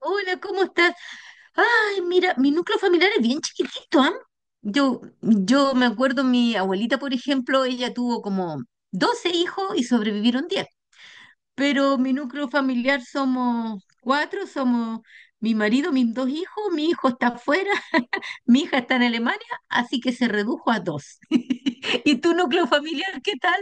Hola, ¿cómo estás? Ay, mira, mi núcleo familiar es bien chiquitito, ¿ah? Yo me acuerdo, mi abuelita, por ejemplo, ella tuvo como 12 y sobrevivieron 10. Pero mi núcleo familiar somos cuatro, somos mi marido, mis dos hijos, mi hijo está afuera, mi hija está en Alemania, así que se redujo a dos. ¿Y tu núcleo familiar qué tal?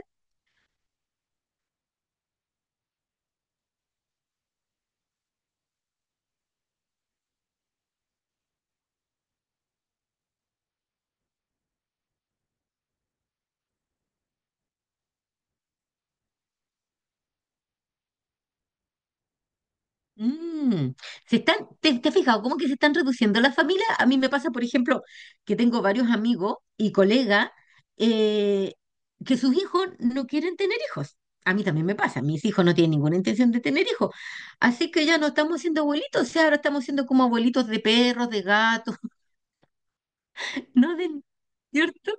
Mm, se están, ¿te has fijado cómo que se están reduciendo las familias? A mí me pasa, por ejemplo, que tengo varios amigos y colegas eh, que sus hijos no quieren tener hijos. A mí también me pasa, mis hijos no tienen ninguna intención de tener hijos. Así que ya no estamos siendo abuelitos, o sea, ahora estamos siendo como abuelitos de perros, de gatos. ¿No? De, ¿cierto?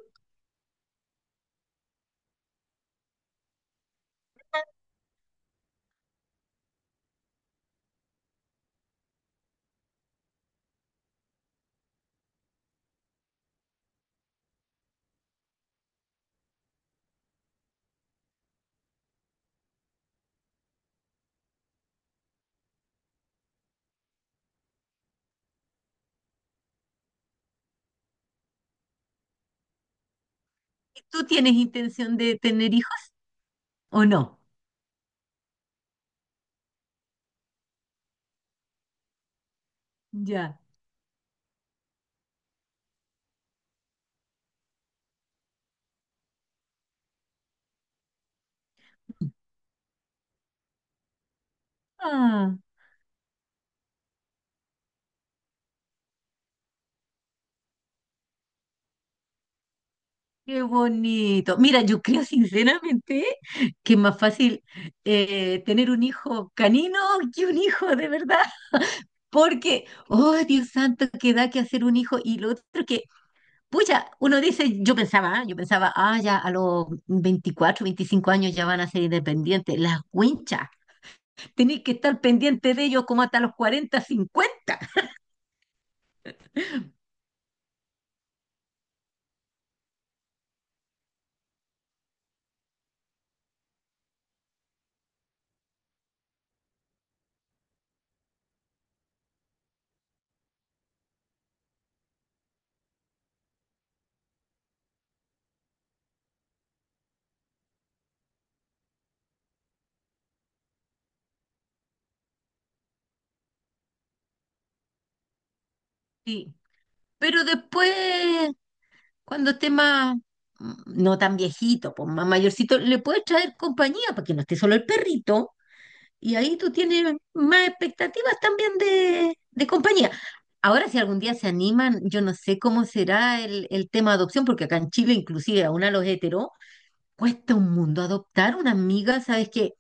¿Tú tienes intención de tener hijos o no? Ya. Ah. Qué bonito. Mira, yo creo sinceramente que es más fácil tener un hijo canino que un hijo de verdad, porque, oh Dios santo, que da que hacer un hijo. Y lo otro que, pucha, uno dice, yo pensaba, ah, ya a los 24, 25 ya van a ser independientes. Las winchas, tenéis que estar pendiente de ellos como hasta los 40, 50. Sí, pero después. Cuando esté más, mm, no tan viejito, pues más mayorcito, le puedes traer compañía para que no esté solo el perrito y ahí tú tienes más expectativas también de compañía. Ahora, si algún día se animan, yo no sé cómo será el tema de adopción, porque acá en Chile, inclusive, aún a los heteros, cuesta un mundo adoptar una amiga, ¿sabes que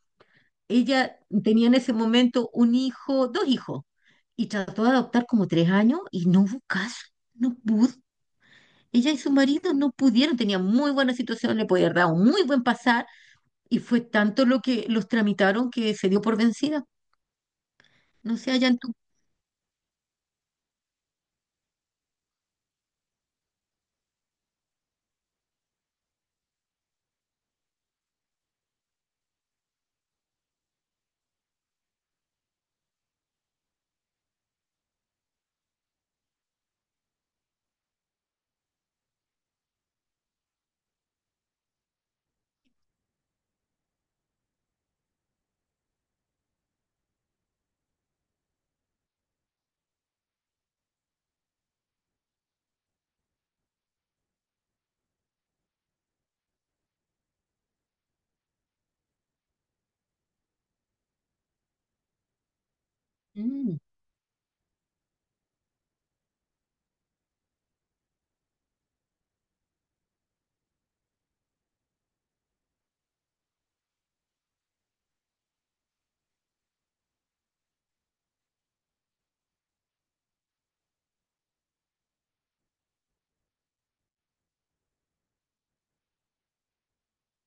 Ella tenía en ese momento un hijo, dos hijos, y trató de adoptar como 3 y no hubo caso, no pudo. Ella y su marido no pudieron, tenían muy buena situación, le podían dar un muy buen pasar y fue tanto lo que los tramitaron que se dio por vencida. No sé, allá en tu... Mm,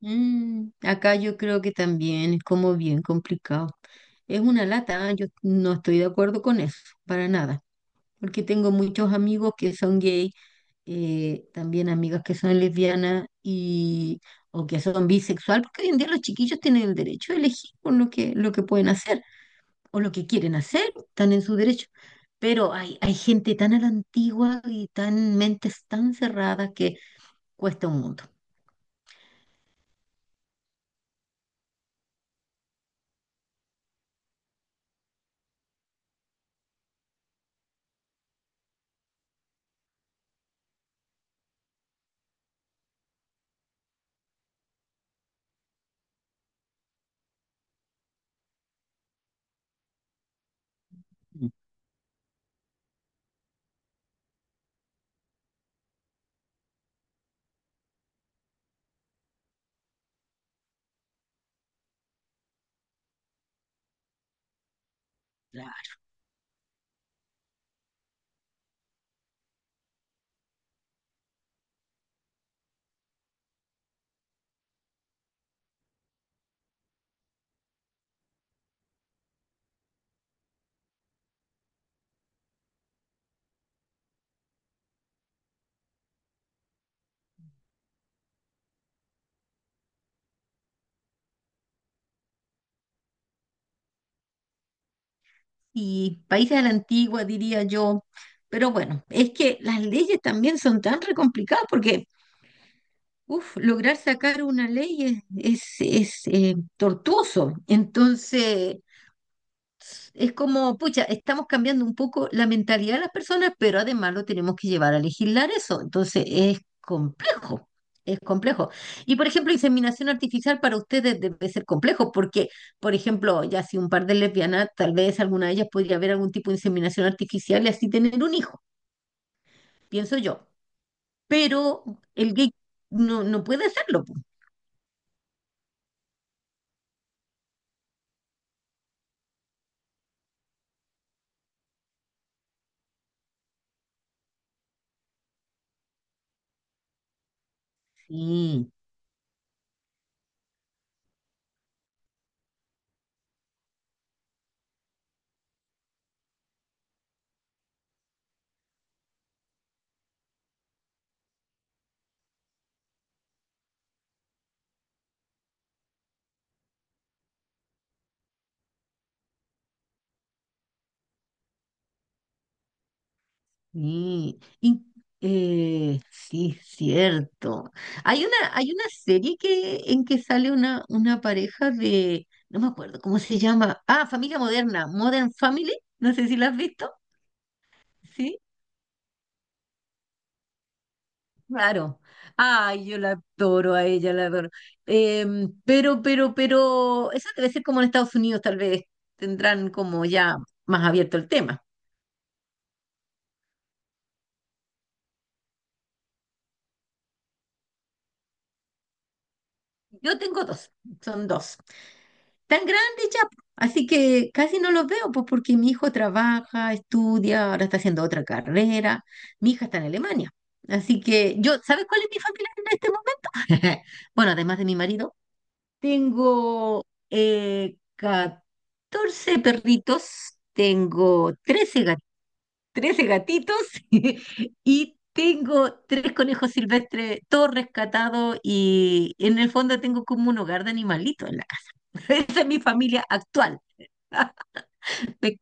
mm. Acá yo creo que también es como bien complicado. Es una lata, ¿eh? Yo no estoy de acuerdo con eso, para nada, porque tengo muchos amigos que son gay, también amigas que son lesbianas y... o que son bisexual, porque hoy en día los chiquillos tienen el derecho de elegir por lo que pueden hacer. O lo que quieren hacer, están en su derecho. Pero hay gente tan a la antigua y tan mentes tan cerradas que cuesta un mundo. Mm. Y países a la antigua, diría yo. Pero bueno, es que las leyes también son tan re complicadas porque, uf, lograr sacar una ley es, tortuoso. Entonces, es como, pucha, estamos cambiando un poco la mentalidad de las personas, pero además lo tenemos que llevar a legislar eso. Entonces es complejo, es complejo. Y por ejemplo, inseminación artificial para ustedes debe ser complejo, porque, por ejemplo, ya si un par de lesbianas, tal vez alguna de ellas podría haber algún tipo de inseminación artificial y así tener un hijo, pienso yo. Pero el gay no, no puede hacerlo. Pues. Sí, sí, y, sí, cierto. Hay una serie que, en que sale una pareja de, no me acuerdo cómo se llama. Ah, Familia Moderna, Modern Family. No sé si la has visto. Sí, claro. Ay, yo la adoro a ella, la adoro. Pero esa debe ser como en Estados Unidos, tal vez tendrán como ya más abierto el tema. Yo tengo dos, son dos. Tan grandes ya, po. Así que casi no los veo, pues porque mi hijo trabaja, estudia, ahora está haciendo otra carrera, mi hija está en Alemania. Así que yo, ¿sabes cuál es mi familia en este momento? Bueno, además de mi marido, tengo 14 perritos, tengo 13 gatitos y tengo tres conejos silvestres, todos rescatados y en el fondo tengo como un hogar de animalitos en la casa. Esa es mi familia actual. Me-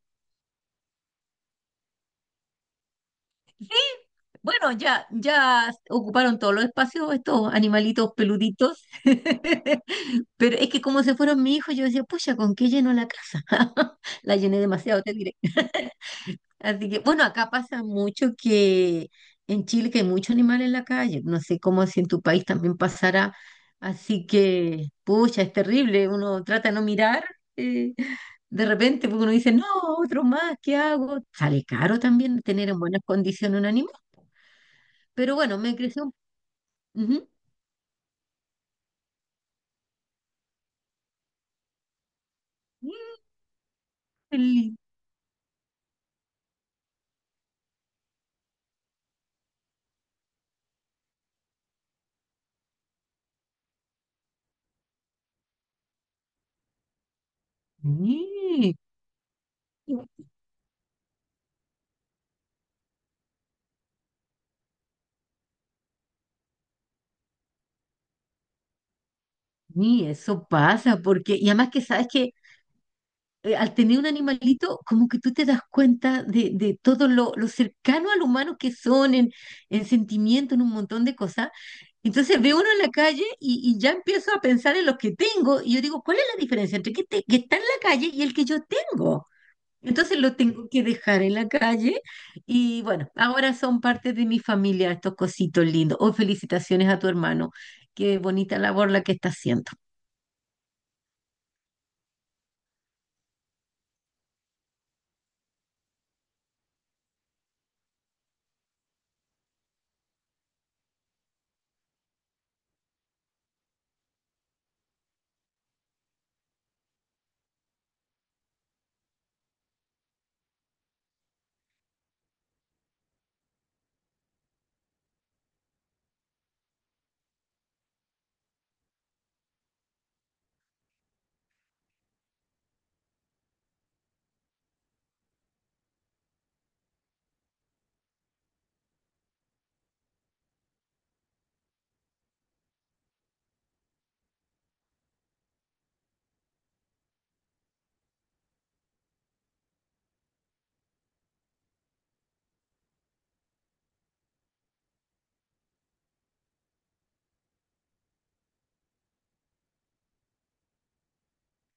Bueno, ya, ya ocuparon todos los espacios estos animalitos peluditos, pero es que como se fueron mis hijos, yo decía, pucha, ¿con qué lleno la casa? La llené demasiado, te diré. Así que, bueno, acá pasa mucho que en Chile que hay mucho animal en la calle. No sé cómo si en tu país también pasará. Así que, pucha, es terrible. Uno trata de no mirar. eh, de repente, porque uno dice, no, otro más, ¿qué hago? Sale caro también tener en buenas condiciones un animal. Pero bueno, me creció. Ujú. Ni, ni ni, eso pasa, porque, y además que sabes que al tener un animalito, como que tú te das cuenta de todo lo cercano al humano que son en sentimiento, en un montón de cosas. Entonces veo uno en la calle y ya empiezo a pensar en los que tengo y yo digo, ¿cuál es la diferencia entre que, que está en la calle y el que yo tengo? Entonces lo tengo que dejar en la calle y bueno, ahora son parte de mi familia estos cositos lindos. Oh, felicitaciones a tu hermano. Qué bonita labor la que está haciendo.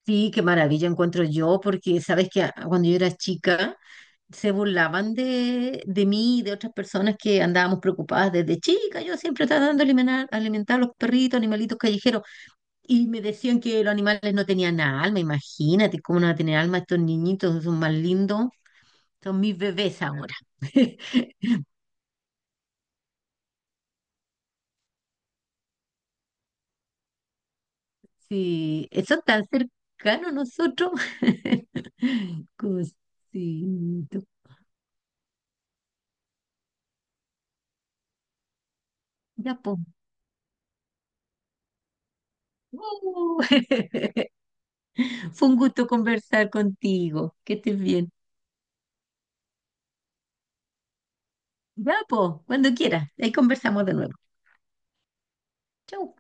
Sí, qué maravilla encuentro yo, porque sabes que cuando yo era chica se burlaban de mí y de otras personas que andábamos preocupadas desde chica. Yo siempre estaba dando alimentar, alimentar a los perritos, animalitos callejeros, y me decían que los animales no tenían alma. Imagínate cómo no van a tener alma estos niñitos, son más lindos, son mis bebés ahora. Sí, eso tan cercano a nosotros. Cosito. Ya, po. Uh, fue un gusto conversar contigo. Que estés bien. Ya, po, cuando quieras. Ahí conversamos de nuevo. Chau.